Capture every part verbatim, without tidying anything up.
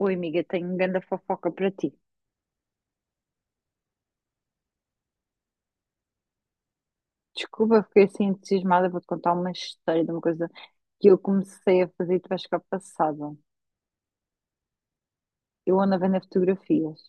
Oi, amiga, tenho uma grande fofoca para ti. Desculpa, fiquei assim entusiasmada. Vou-te contar uma história de uma coisa que eu comecei a fazer e tu vais ficar passada. Eu ando a vender fotografias.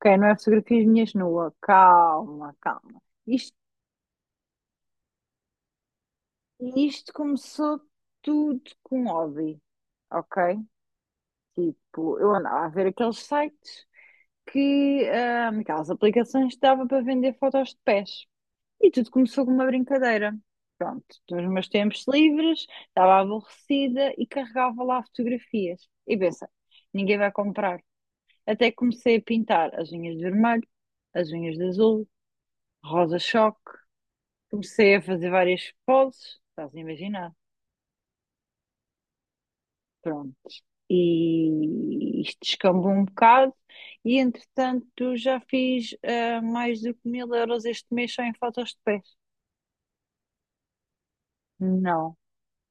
Ok, não é fotografias minhas nuas. Calma, calma. Isto, isto começou tudo com hobby, ok? Tipo, eu andava a ver aqueles sites que, ah, aquelas aplicações que dava para vender fotos de pés. E tudo começou com uma brincadeira. Pronto, nos meus tempos livres, estava aborrecida e carregava lá fotografias. E pensa, ninguém vai comprar. Até que comecei a pintar as unhas de vermelho, as unhas de azul, rosa-choque. Comecei a fazer várias poses, estás a imaginar. Pronto. E isto descambou um bocado. E entretanto, já fiz ah, mais do que mil euros este mês só em fotos de pés. Não.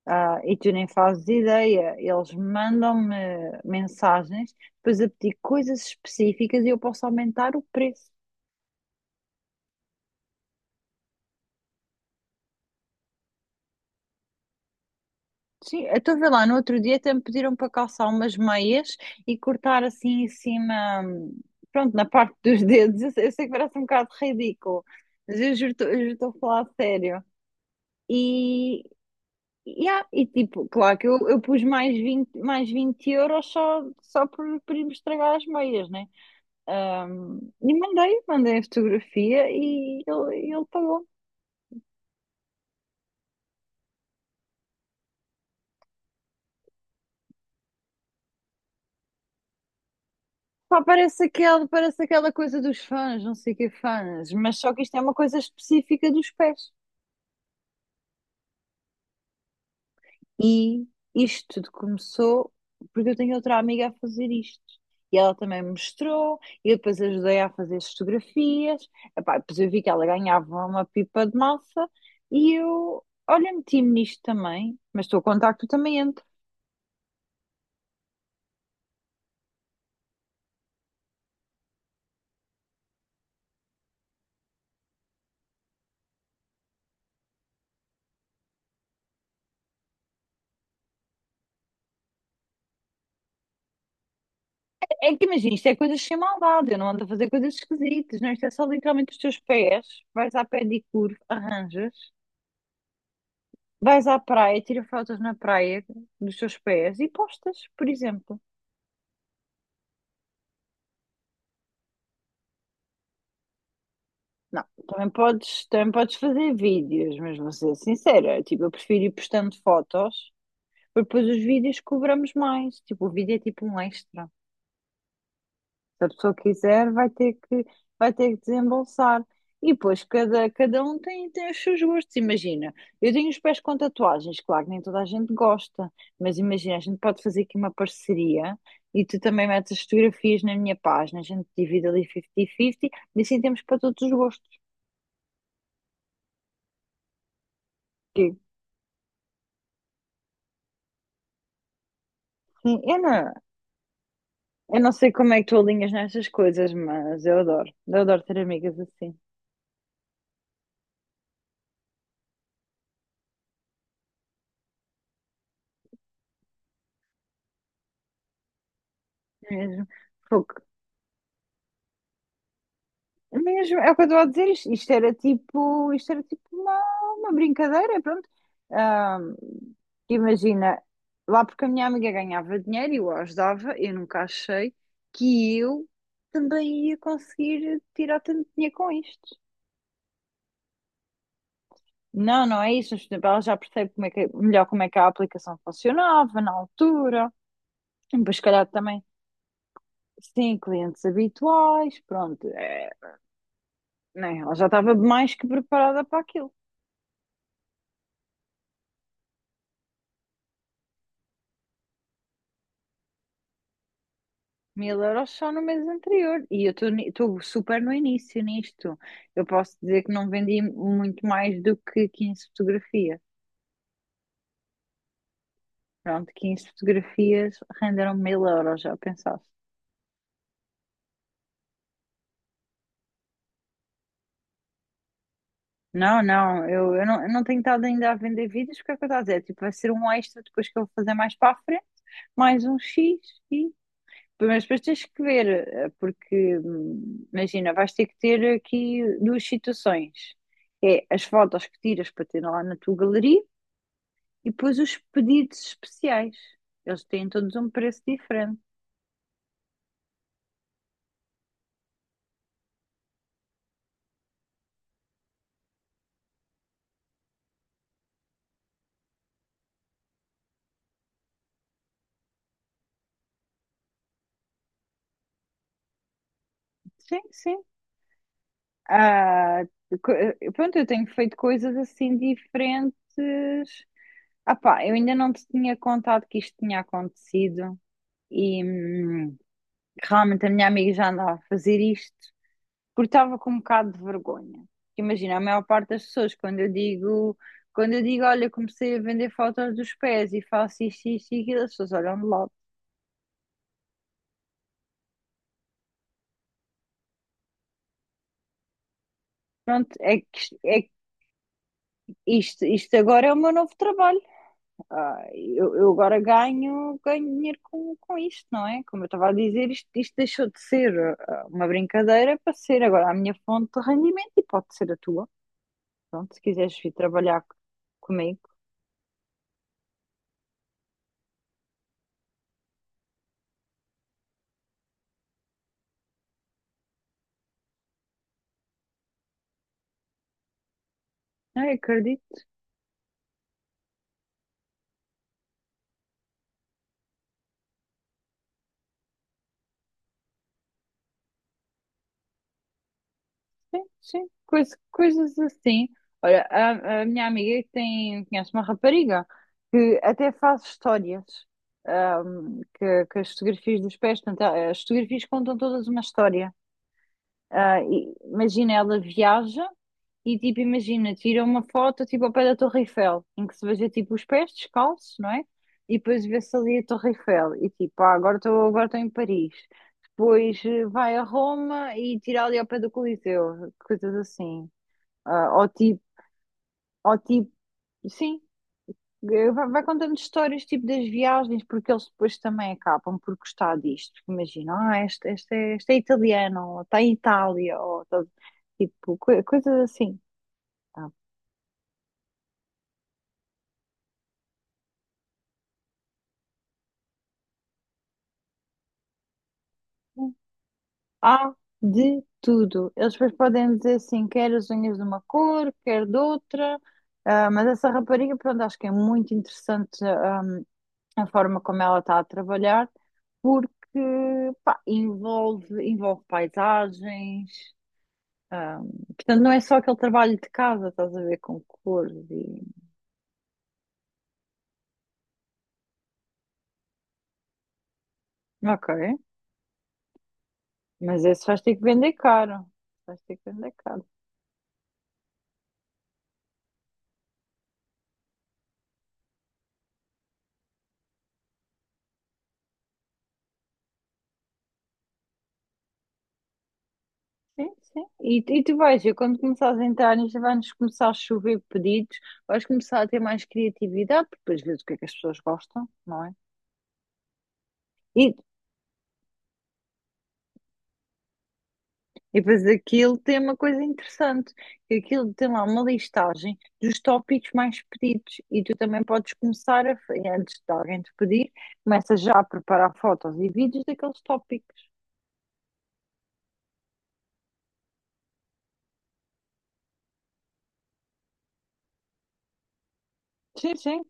Ah, e tu nem fazes ideia, eles mandam-me mensagens, depois a pedir coisas específicas e eu posso aumentar o preço. Sim, eu estou a ver lá, no outro dia até me pediram para calçar umas meias e cortar assim em cima, hum, pronto, na parte dos dedos. Eu sei, eu sei que parece um bocado ridículo, mas eu juro, eu juro, estou a falar a sério. E, e, há- e, tipo, claro que eu, eu pus mais vinte mais vinte euros só, só por, por ir me estragar as meias, né? Ahm, e mandei, mandei a fotografia e ele, e ele pagou. Pá, parece aquele, parece aquela coisa dos fãs, não sei o que fãs, mas só que isto é uma coisa específica dos pés. E isto tudo começou porque eu tenho outra amiga a fazer isto. E ela também me mostrou, e eu depois ajudei a fazer as fotografias. Epá, depois eu vi que ela ganhava uma pipa de massa e eu, olha, meti-me nisto também, mas estou a contar que tu também entras. É que imagina, isto é coisas sem maldade, eu não ando a fazer coisas esquisitas, não, isto é só literalmente os teus pés, vais à pedicure, arranjas, vais à praia, tira fotos na praia dos teus pés e postas, por exemplo. Não, também podes, também podes fazer vídeos, mas vou ser sincera, tipo, eu prefiro ir postando fotos, porque depois os vídeos cobramos mais, tipo, o vídeo é tipo um extra. Se a pessoa quiser, vai ter que, vai ter que desembolsar. E depois, cada, cada um tem, tem os seus gostos. Imagina, eu tenho os pés com tatuagens, claro que nem toda a gente gosta, mas imagina, a gente pode fazer aqui uma parceria e tu também metes as fotografias na minha página, a gente divide ali cinquenta cinquenta e assim temos para todos os gostos. Que- Sim, eu não, eu não sei como é que tu alinhas nestas coisas, mas eu adoro, eu adoro ter amigas assim, mesmo. Mesmo, é o que eu estou a dizer, isto, isto era tipo, isto era tipo uma, uma brincadeira, pronto. Ahm, imagina, lá porque a minha amiga ganhava dinheiro e eu a ajudava, eu nunca achei que eu também ia conseguir tirar tanto dinheiro com isto. Não, não é isso, mas por exemplo, ela já percebe como é que, melhor como é que a aplicação funcionava na altura, mas se calhar também. Sim, clientes habituais, pronto, é, né, ela já estava mais que preparada para aquilo. Mil euros só no mês anterior. E eu estou super no início nisto. Eu posso dizer que não vendi muito mais do que quinze fotografias. Pronto, quinze fotografias renderam mil euros, já pensaste? Não, não, eu, eu não, eu não tenho estado ainda a vender vídeos, porque é o que eu estou a dizer, tipo, vai ser um extra depois que eu vou fazer mais para a frente, mais um xis e. Mas depois tens que ver, eh, porque hum, imagina, vais ter que ter aqui duas situações. É as fotos que tiras para ter lá na tua galeria e depois os pedidos especiais. Eles têm todos um preço diferente. Sim, sim. Ah, co- eh, pronto, eu tenho feito coisas assim diferentes. Ah pá, eu ainda não te tinha contado que isto tinha acontecido e hum, realmente a minha amiga já andava a fazer isto porque estava com um bocado de vergonha. Imagina, a maior parte das pessoas, quando eu digo, quando eu digo, olha, comecei a vender fotos dos pés e faço isto, isto e aquilo, as pessoas olham de lado. Pronto, é que, isto- é isto, isto agora é o meu novo trabalho. Ah, eu, eu agora ganho, ganho dinheiro com, com isto, não é? Como eu estava a dizer, isto, isto deixou de ser ah, uma brincadeira para ser agora a minha fonte de rendimento e pode ser a tua. Pronto, se quiseres vir trabalhar c- comigo. Ah, eu acredito, sim, sim, Coisa- coisas assim. Olha, a, a minha amiga tem, conhece uma rapariga que até faz histórias. ah, que, que as fotografias dos pés, portanto, ah, as fotografias contam todas uma história. Ah, e- imagina, ela viaja e, tipo, imagina, tira uma foto, tipo, ao pé da Torre Eiffel, em que se veja, tipo, os pés descalços, não é? E depois vê-se ali a Torre Eiffel e, tipo, ah, agora estou agora estou em Paris. Depois eh, vai a Roma e tira ali ao pé do Coliseu, coisas assim. Ah, ou tipo, ou tipo, sim, eh, Vai, vai contando histórias tipo das viagens, porque eles depois também acabam por gostar disto. Porque imagina, ah, este, este, é, este é italiano, ou está em Itália, ou tá- tipo, coi- coisas assim. Tá bom? Há de tudo. Eles depois podem dizer assim, quer as unhas de uma cor, quer de outra. Ah, mas essa rapariga, pronto, acho que é muito interessante, ah, a forma como ela está a trabalhar porque pá, envolve, envolve paisagens. Ah, portanto, não é só aquele trabalho de casa, estás a ver com cores e. Ok, mas esse vais ter que vender caro. Vais ter que vender caro. Sim, sim. E, tu- e tu vais ver, quando começares a entrar nisto, vai-nos começar a chover pedidos, vais começar a ter mais criatividade, porque depois vês o que é que as pessoas gostam, não é? E E depois aquilo tem uma coisa interessante, que aquilo tem lá uma listagem dos tópicos mais pedidos e tu também podes começar a, fa- antes de alguém te pedir, começa já a preparar fotos e vídeos daqueles tópicos. Sim, sim,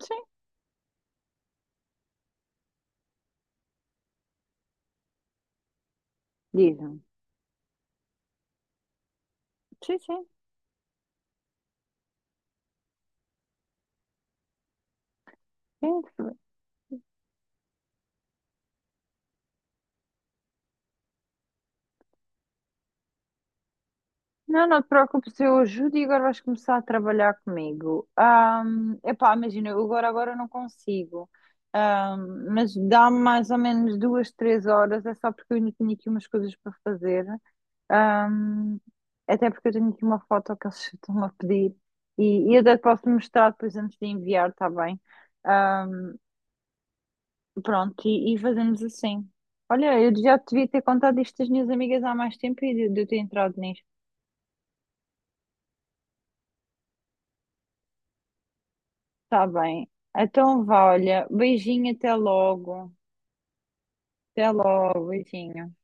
sim, diz-me. Sim, sim, sim. Não, não te preocupes, eu ajudo e agora vais começar a trabalhar comigo. Ahm, epá, imagina, eu agora, agora não consigo. Ahm, mas dá-me mais ou menos duas, três horas, é só porque eu ainda tenho aqui umas coisas para fazer. Ahm, até porque eu tenho aqui uma foto que eles estão a pedir e, e eu até te posso mostrar depois antes de enviar, está bem? Ahm, pronto, e, e fazemos assim. Olha, eu já te devia ter contado isto às minhas amigas há mais tempo e de, de eu ter entrado nisto. Está bem. Então vá, olha, beijinho, até logo. Até logo, beijinho.